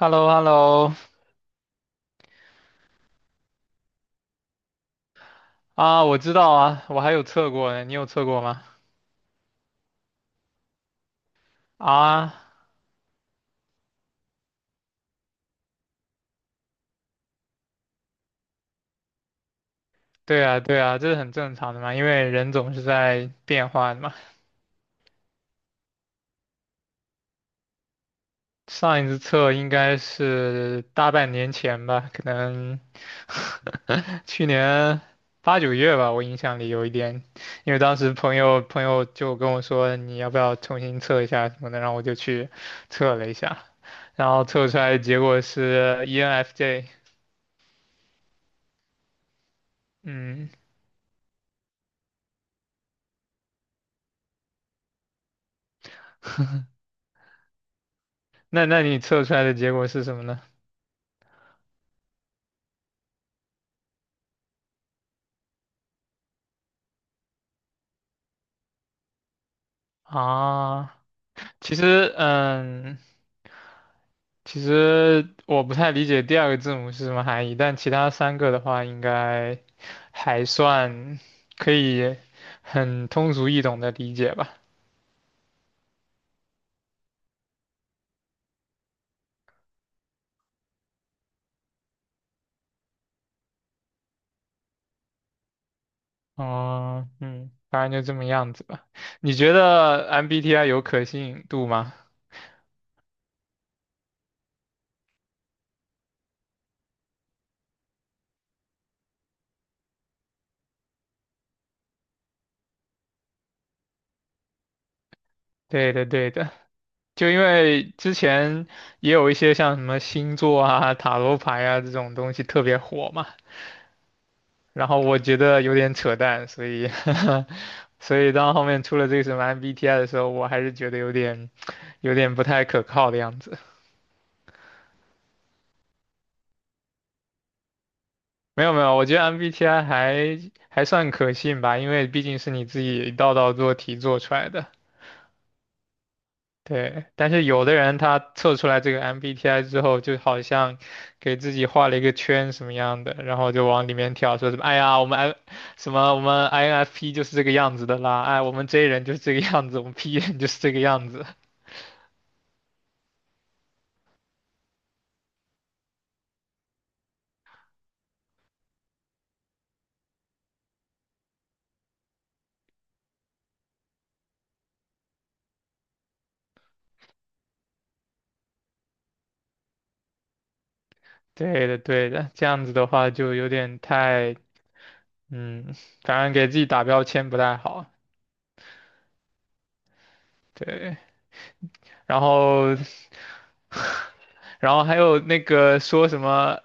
hello hello 啊，我知道啊，我还有测过呢，你有测过吗？啊，对啊，对啊，这是很正常的嘛，因为人总是在变化的嘛。上一次测应该是大半年前吧，可能 去年八九月吧，我印象里有一点，因为当时朋友就跟我说你要不要重新测一下什么的，然后我就去测了一下，然后测出来的结果是 ENFJ，嗯。那你测出来的结果是什么呢？啊，其实嗯，其实我不太理解第二个字母是什么含义，但其他三个的话应该还算可以很通俗易懂的理解吧。哦，嗯，反正就这么样子吧。你觉得 MBTI 有可信度吗？对的，对的。就因为之前也有一些像什么星座啊、塔罗牌啊这种东西特别火嘛。然后我觉得有点扯淡，所以 所以当后面出了这个什么 MBTI 的时候，我还是觉得有点不太可靠的样子。没有没有，我觉得 MBTI 还算可信吧，因为毕竟是你自己一道道做题做出来的。对，但是有的人他测出来这个 MBTI 之后，就好像给自己画了一个圈什么样的，然后就往里面跳，说什么哎呀，我们 I 什么我们 INFP 就是这个样子的啦，哎，我们 J 人就是这个样子，我们 P 人就是这个样子。对的，对的，这样子的话就有点太，嗯，反正给自己打标签不太好。对。然后，然后还有那个说什么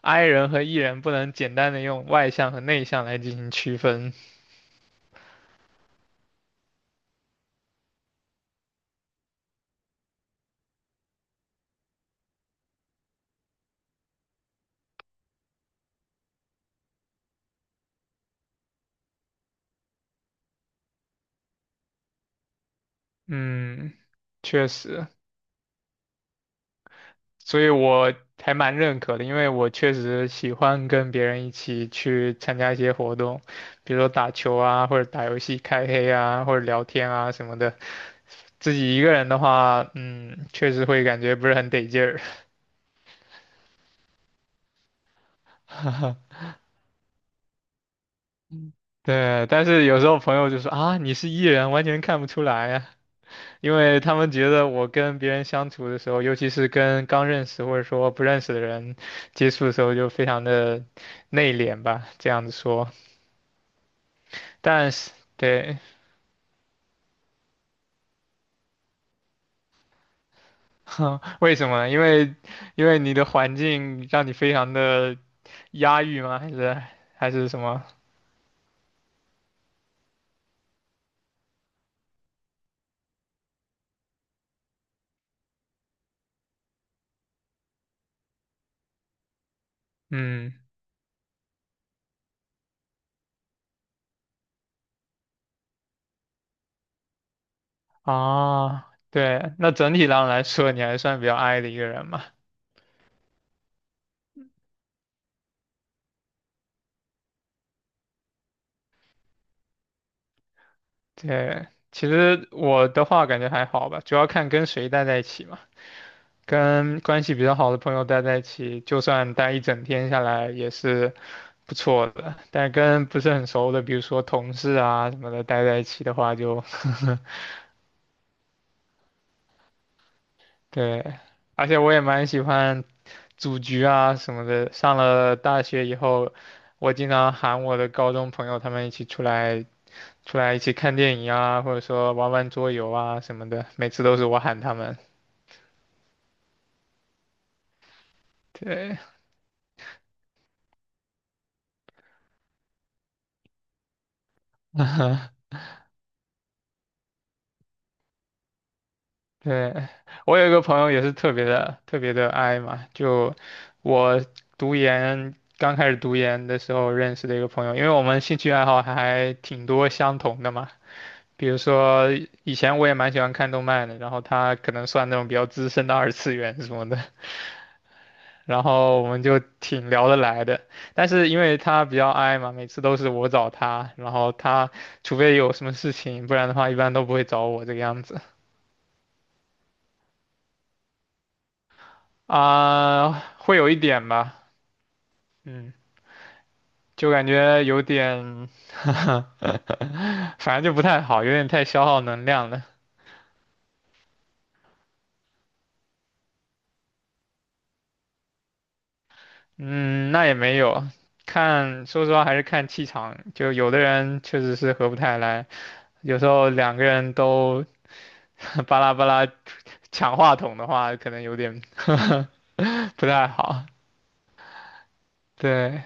I 人和 E 人不能简单的用外向和内向来进行区分。嗯，确实，所以我还蛮认可的，因为我确实喜欢跟别人一起去参加一些活动，比如说打球啊，或者打游戏开黑啊，或者聊天啊什么的。自己一个人的话，嗯，确实会感觉不是很得劲儿。对，但是有时候朋友就说啊，你是 E 人，完全看不出来呀，因为他们觉得我跟别人相处的时候，尤其是跟刚认识或者说不认识的人接触的时候，就非常的内敛吧，这样子说。但是，对，为什么呢？因为你的环境让你非常的压抑吗？还是什么？嗯，啊，对，那整体上来说，你还算比较 I 的一个人嘛。对，其实我的话感觉还好吧，主要看跟谁待在一起嘛。跟关系比较好的朋友待在一起，就算待一整天下来也是不错的。但跟不是很熟的，比如说同事啊什么的，待在一起的话就 对。而且我也蛮喜欢组局啊什么的。上了大学以后，我经常喊我的高中朋友他们一起出来，出来一起看电影啊，或者说玩玩桌游啊什么的。每次都是我喊他们。对。对，我有一个朋友也是特别的特别的 i 嘛，就我刚开始读研的时候认识的一个朋友，因为我们兴趣爱好还挺多相同的嘛。比如说以前我也蛮喜欢看动漫的，然后他可能算那种比较资深的二次元什么的，然后我们就挺聊得来的。但是因为他比较 i 嘛，每次都是我找他，然后他除非有什么事情，不然的话一般都不会找我这个样子。啊，会有一点吧，嗯，就感觉有点，反正就不太好，有点太消耗能量了。嗯，那也没有，看，说实话还是看气场，就有的人确实是合不太来，有时候两个人都 巴拉巴拉抢话筒的话，可能有点 不太好。对，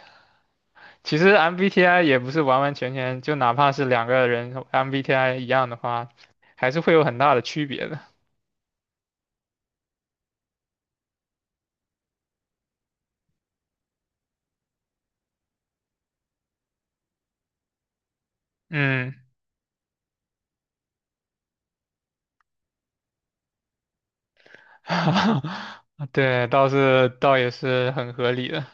其实 MBTI 也不是完完全全，就哪怕是两个人 MBTI 一样的话，还是会有很大的区别的。嗯。对，倒也是很合理的。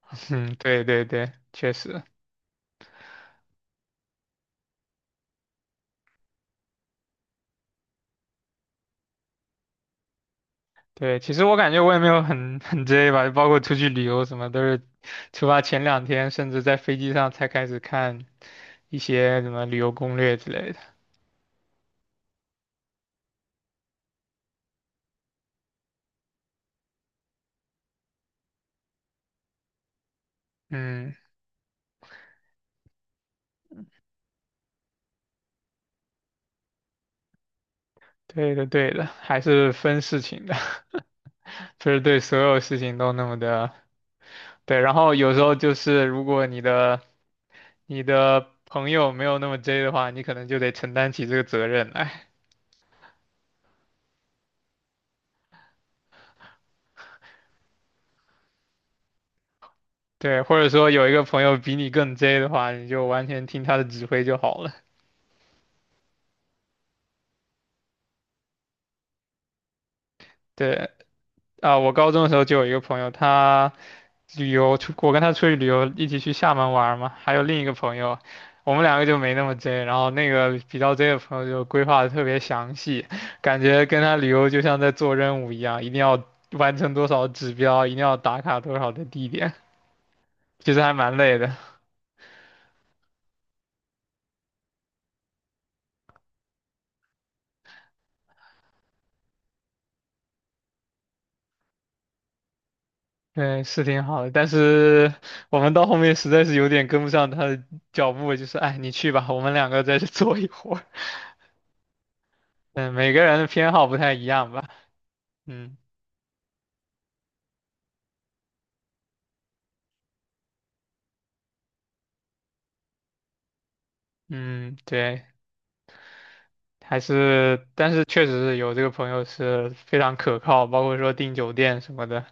嗯，对对对，确实，对。其实我感觉我也没有很 很 J 吧，包括出去旅游什么，都是出发前两天，甚至在飞机上才开始看一些什么旅游攻略之类的。嗯，对的对的，还是分事情的，不是对所有事情都那么的。对，然后有时候就是如果你的朋友没有那么 J 的话，你可能就得承担起这个责任来。对，或者说有一个朋友比你更 J 的话，你就完全听他的指挥就好了。对，啊，我高中的时候就有一个朋友，他旅游出，我跟他出去旅游，一起去厦门玩儿嘛，还有另一个朋友，我们两个就没那么 J，然后那个比较 J 的朋友就规划的特别详细，感觉跟他旅游就像在做任务一样，一定要完成多少指标，一定要打卡多少的地点，其实还蛮累的。对，是挺好的，但是我们到后面实在是有点跟不上他的脚步，就是，哎，你去吧，我们两个在这 坐一会儿。嗯，每个人的偏好不太一样吧。嗯嗯，对。还是，但是确实是有这个朋友是非常可靠，包括说订酒店什么的，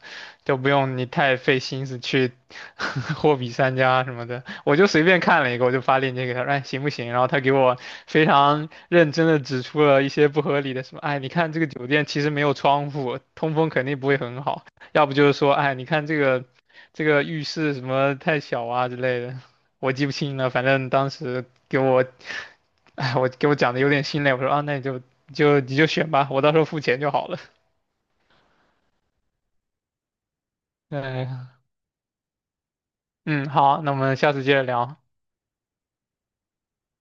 都不用你太费心思去 货比三家什么的。我就随便看了一个，我就发链接给他，哎，行不行？然后他给我非常认真的指出了一些不合理的什么，哎，你看这个酒店其实没有窗户，通风肯定不会很好，要不就是说，哎，你看这个浴室什么太小啊之类的，我记不清了，反正当时给我 哎，给我讲的有点心累，我说啊，那你就选吧，我到时候付钱就好了。嗯嗯，好，那我们下次接着聊。